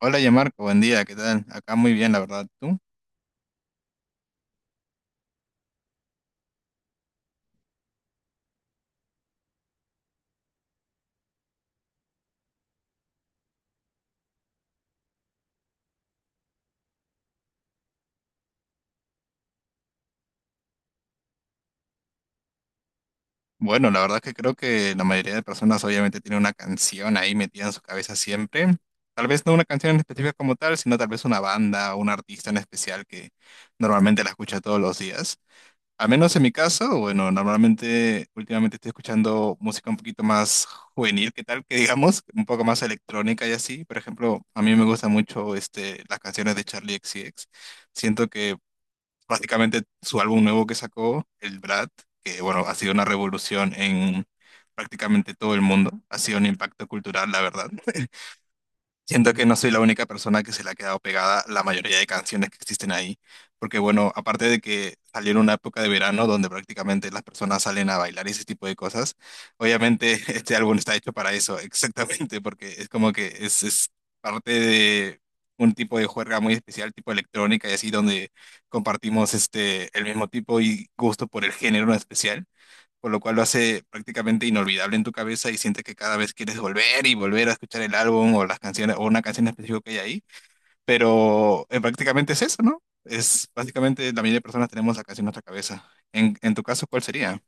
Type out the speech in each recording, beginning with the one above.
Hola, Yamarco, buen día, ¿qué tal? Acá muy bien, la verdad. ¿Tú? Bueno, la verdad es que creo que la mayoría de personas obviamente tienen una canción ahí metida en su cabeza siempre. Tal vez no una canción en específica como tal, sino tal vez una banda o un artista en especial que normalmente la escucha todos los días. Al menos en mi caso, bueno, normalmente últimamente estoy escuchando música un poquito más juvenil, ¿qué tal? Que digamos, un poco más electrónica y así. Por ejemplo, a mí me gusta mucho las canciones de Charlie X C X. Siento que prácticamente su álbum nuevo que sacó, el Brad, que bueno, ha sido una revolución en prácticamente todo el mundo, ha sido un impacto cultural, la verdad. Siento que no soy la única persona que se le ha quedado pegada la mayoría de canciones que existen ahí, porque bueno, aparte de que salió en una época de verano donde prácticamente las personas salen a bailar y ese tipo de cosas, obviamente este álbum está hecho para eso, exactamente, porque es como que es parte de un tipo de juerga muy especial, tipo electrónica y así, donde compartimos el mismo tipo y gusto por el género en especial, por lo cual lo hace prácticamente inolvidable en tu cabeza y sientes que cada vez quieres volver y volver a escuchar el álbum o las canciones o una canción específica que hay ahí, pero prácticamente es eso, ¿no? Es básicamente la mayoría de personas tenemos la canción en nuestra cabeza. En tu caso, ¿cuál sería?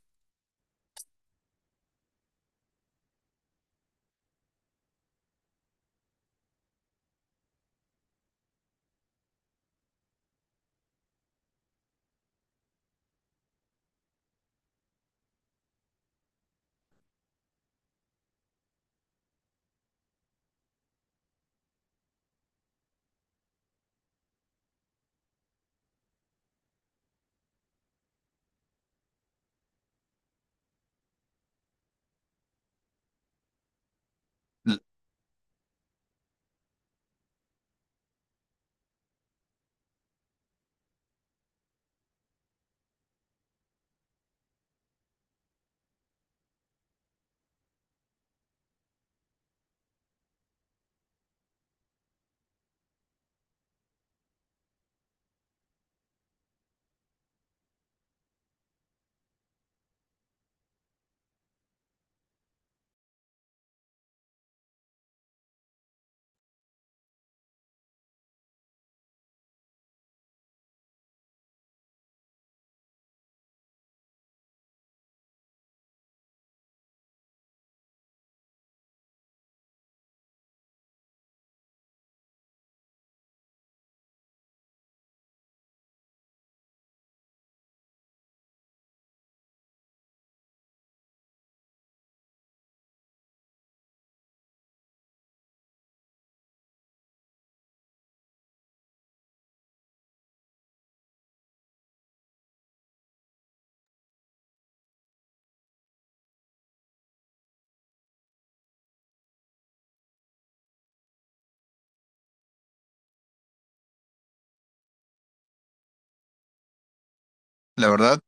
La verdad,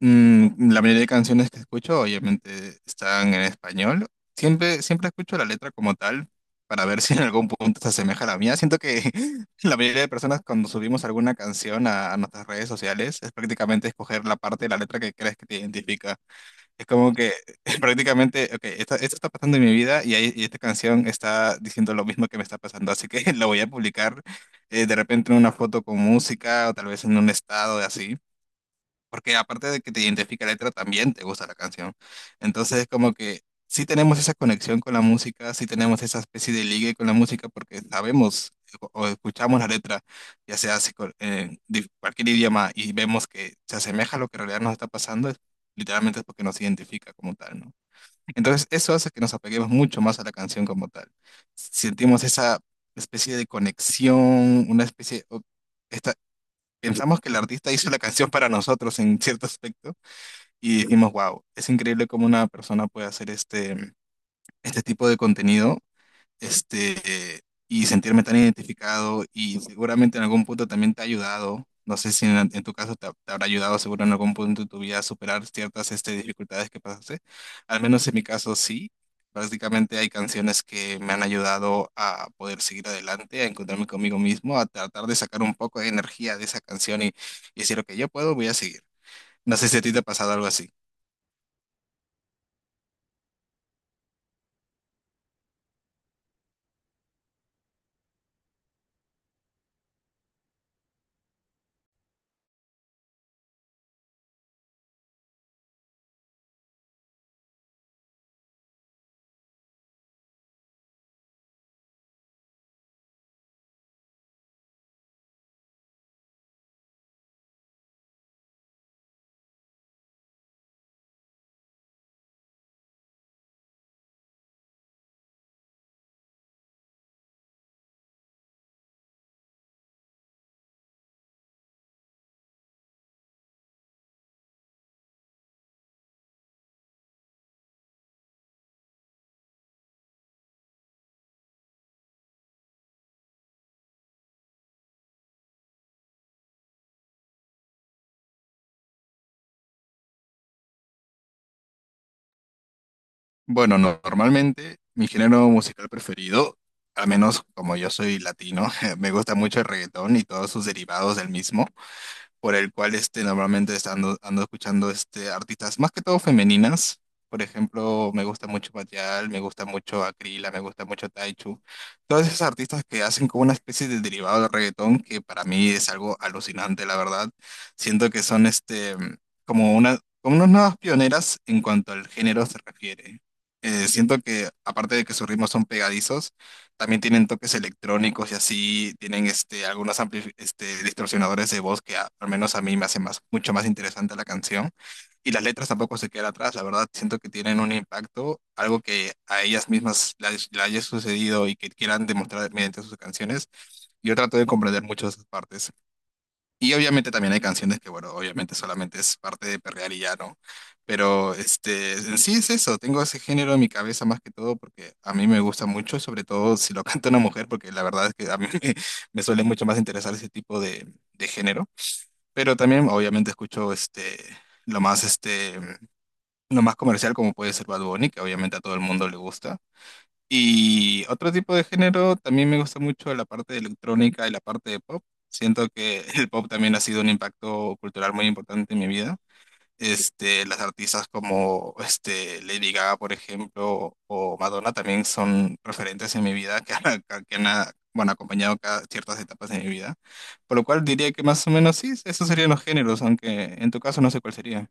la mayoría de canciones que escucho obviamente están en español. Siempre, siempre escucho la letra como tal para ver si en algún punto se asemeja a la mía. Siento que la mayoría de personas cuando subimos alguna canción a nuestras redes sociales es prácticamente escoger la parte de la letra que crees que te identifica. Es como que prácticamente, ok, esto está pasando en mi vida y esta canción está diciendo lo mismo que me está pasando, así que lo voy a publicar de repente en una foto con música o tal vez en un estado así, porque aparte de que te identifica la letra, también te gusta la canción. Entonces, como que sí tenemos esa conexión con la música, sí tenemos esa especie de ligue con la música, porque sabemos o escuchamos la letra, ya sea si cualquier idioma, y vemos que se asemeja a lo que en realidad nos está pasando, literalmente es porque nos identifica como tal, ¿no? Entonces, eso hace que nos apeguemos mucho más a la canción como tal. Sentimos esa especie de conexión, una especie, esta- pensamos que el artista hizo la canción para nosotros en cierto aspecto y dijimos, wow, es increíble cómo una persona puede hacer este tipo de contenido, este, y sentirme tan identificado, y seguramente en algún punto también te ha ayudado. No sé si en tu caso te habrá ayudado seguro en algún punto de tu vida a superar ciertas dificultades que pasaste. Al menos en mi caso sí. Prácticamente hay canciones que me han ayudado a poder seguir adelante, a encontrarme conmigo mismo, a tratar de sacar un poco de energía de esa canción y decir, ok, yo puedo, voy a seguir. No sé si a ti te ha pasado algo así. Bueno, normalmente mi género musical preferido, al menos como yo soy latino, me gusta mucho el reggaetón y todos sus derivados del mismo, por el cual normalmente ando escuchando artistas más que todo femeninas. Por ejemplo, me gusta mucho Batial, me gusta mucho Acrila, me gusta mucho Taichu. Todas esas artistas que hacen como una especie de derivado del reggaetón que para mí es algo alucinante, la verdad. Siento que son como unas nuevas pioneras en cuanto al género se refiere. Siento que aparte de que sus ritmos son pegadizos, también tienen toques electrónicos y así, tienen algunos distorsionadores de voz que al menos a mí me hace más, mucho más interesante la canción. Y las letras tampoco se quedan atrás, la verdad, siento que tienen un impacto, algo que a ellas mismas le haya sucedido y que quieran demostrar mediante sus canciones. Yo trato de comprender mucho esas partes. Y obviamente también hay canciones que, bueno, obviamente solamente es parte de perrear y ya, ¿no? Pero en sí es eso, tengo ese género en mi cabeza más que todo porque a mí me gusta mucho, sobre todo si lo canta una mujer, porque la verdad es que a mí me suele mucho más interesar ese tipo de género. Pero también obviamente escucho lo más, este, lo más comercial como puede ser Bad Bunny, que obviamente a todo el mundo le gusta. Y otro tipo de género, también me gusta mucho la parte de electrónica y la parte de pop. Siento que el pop también ha sido un impacto cultural muy importante en mi vida. Las artistas como Lady Gaga, por ejemplo, o Madonna también son referentes en mi vida que han, ah, bueno, acompañado ciertas etapas de mi vida. Por lo cual diría que más o menos sí, esos serían los géneros, aunque en tu caso no sé cuál sería.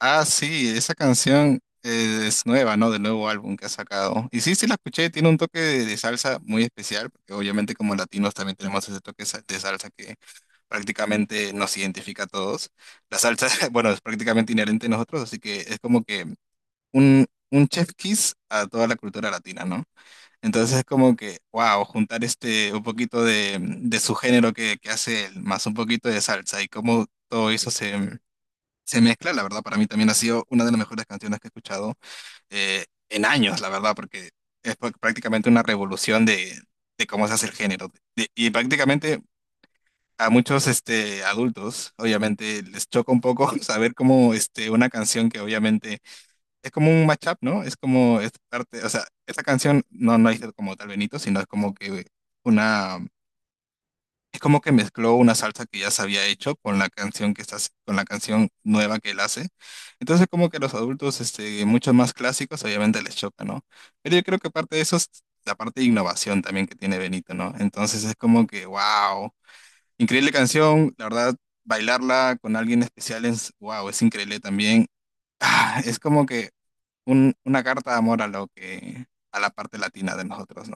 Ah, sí, esa canción es nueva, ¿no? Del nuevo álbum que ha sacado. Y sí, sí la escuché, tiene un toque de salsa muy especial, porque obviamente como latinos también tenemos ese toque de salsa que prácticamente nos identifica a todos. La salsa, bueno, es prácticamente inherente a nosotros, así que es como que un chef kiss a toda la cultura latina, ¿no? Entonces es como que, wow, juntar un poquito de su género que hace él, más un poquito de salsa y cómo todo eso se mezcla, la verdad, para mí también ha sido una de las mejores canciones que he escuchado en años, la verdad, porque es prácticamente una revolución de cómo se hace el género. Y prácticamente a muchos adultos, obviamente, les choca un poco saber cómo una canción que obviamente es como un mashup, ¿no? Es como, es parte, o sea, esta canción no es como tal Benito, sino es como que una... Es como que mezcló una salsa que ya se había hecho con la canción que está, con la canción nueva que él hace. Entonces como que los adultos, mucho más clásicos, obviamente les choca, ¿no? Pero yo creo que parte de eso es la parte de innovación también que tiene Benito, ¿no? Entonces es como que, wow, increíble canción, la verdad, bailarla con alguien especial es, wow, es increíble también. Ah, es como que una carta de amor a lo que, a la parte latina de nosotros, ¿no?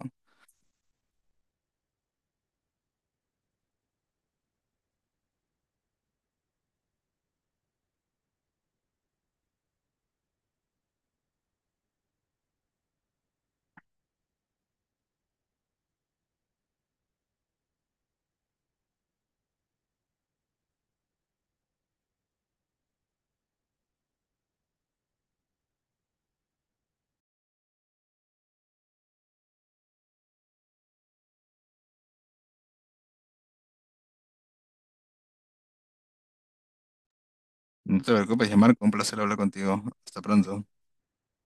No te preocupes, llamar, un placer hablar contigo. Hasta pronto.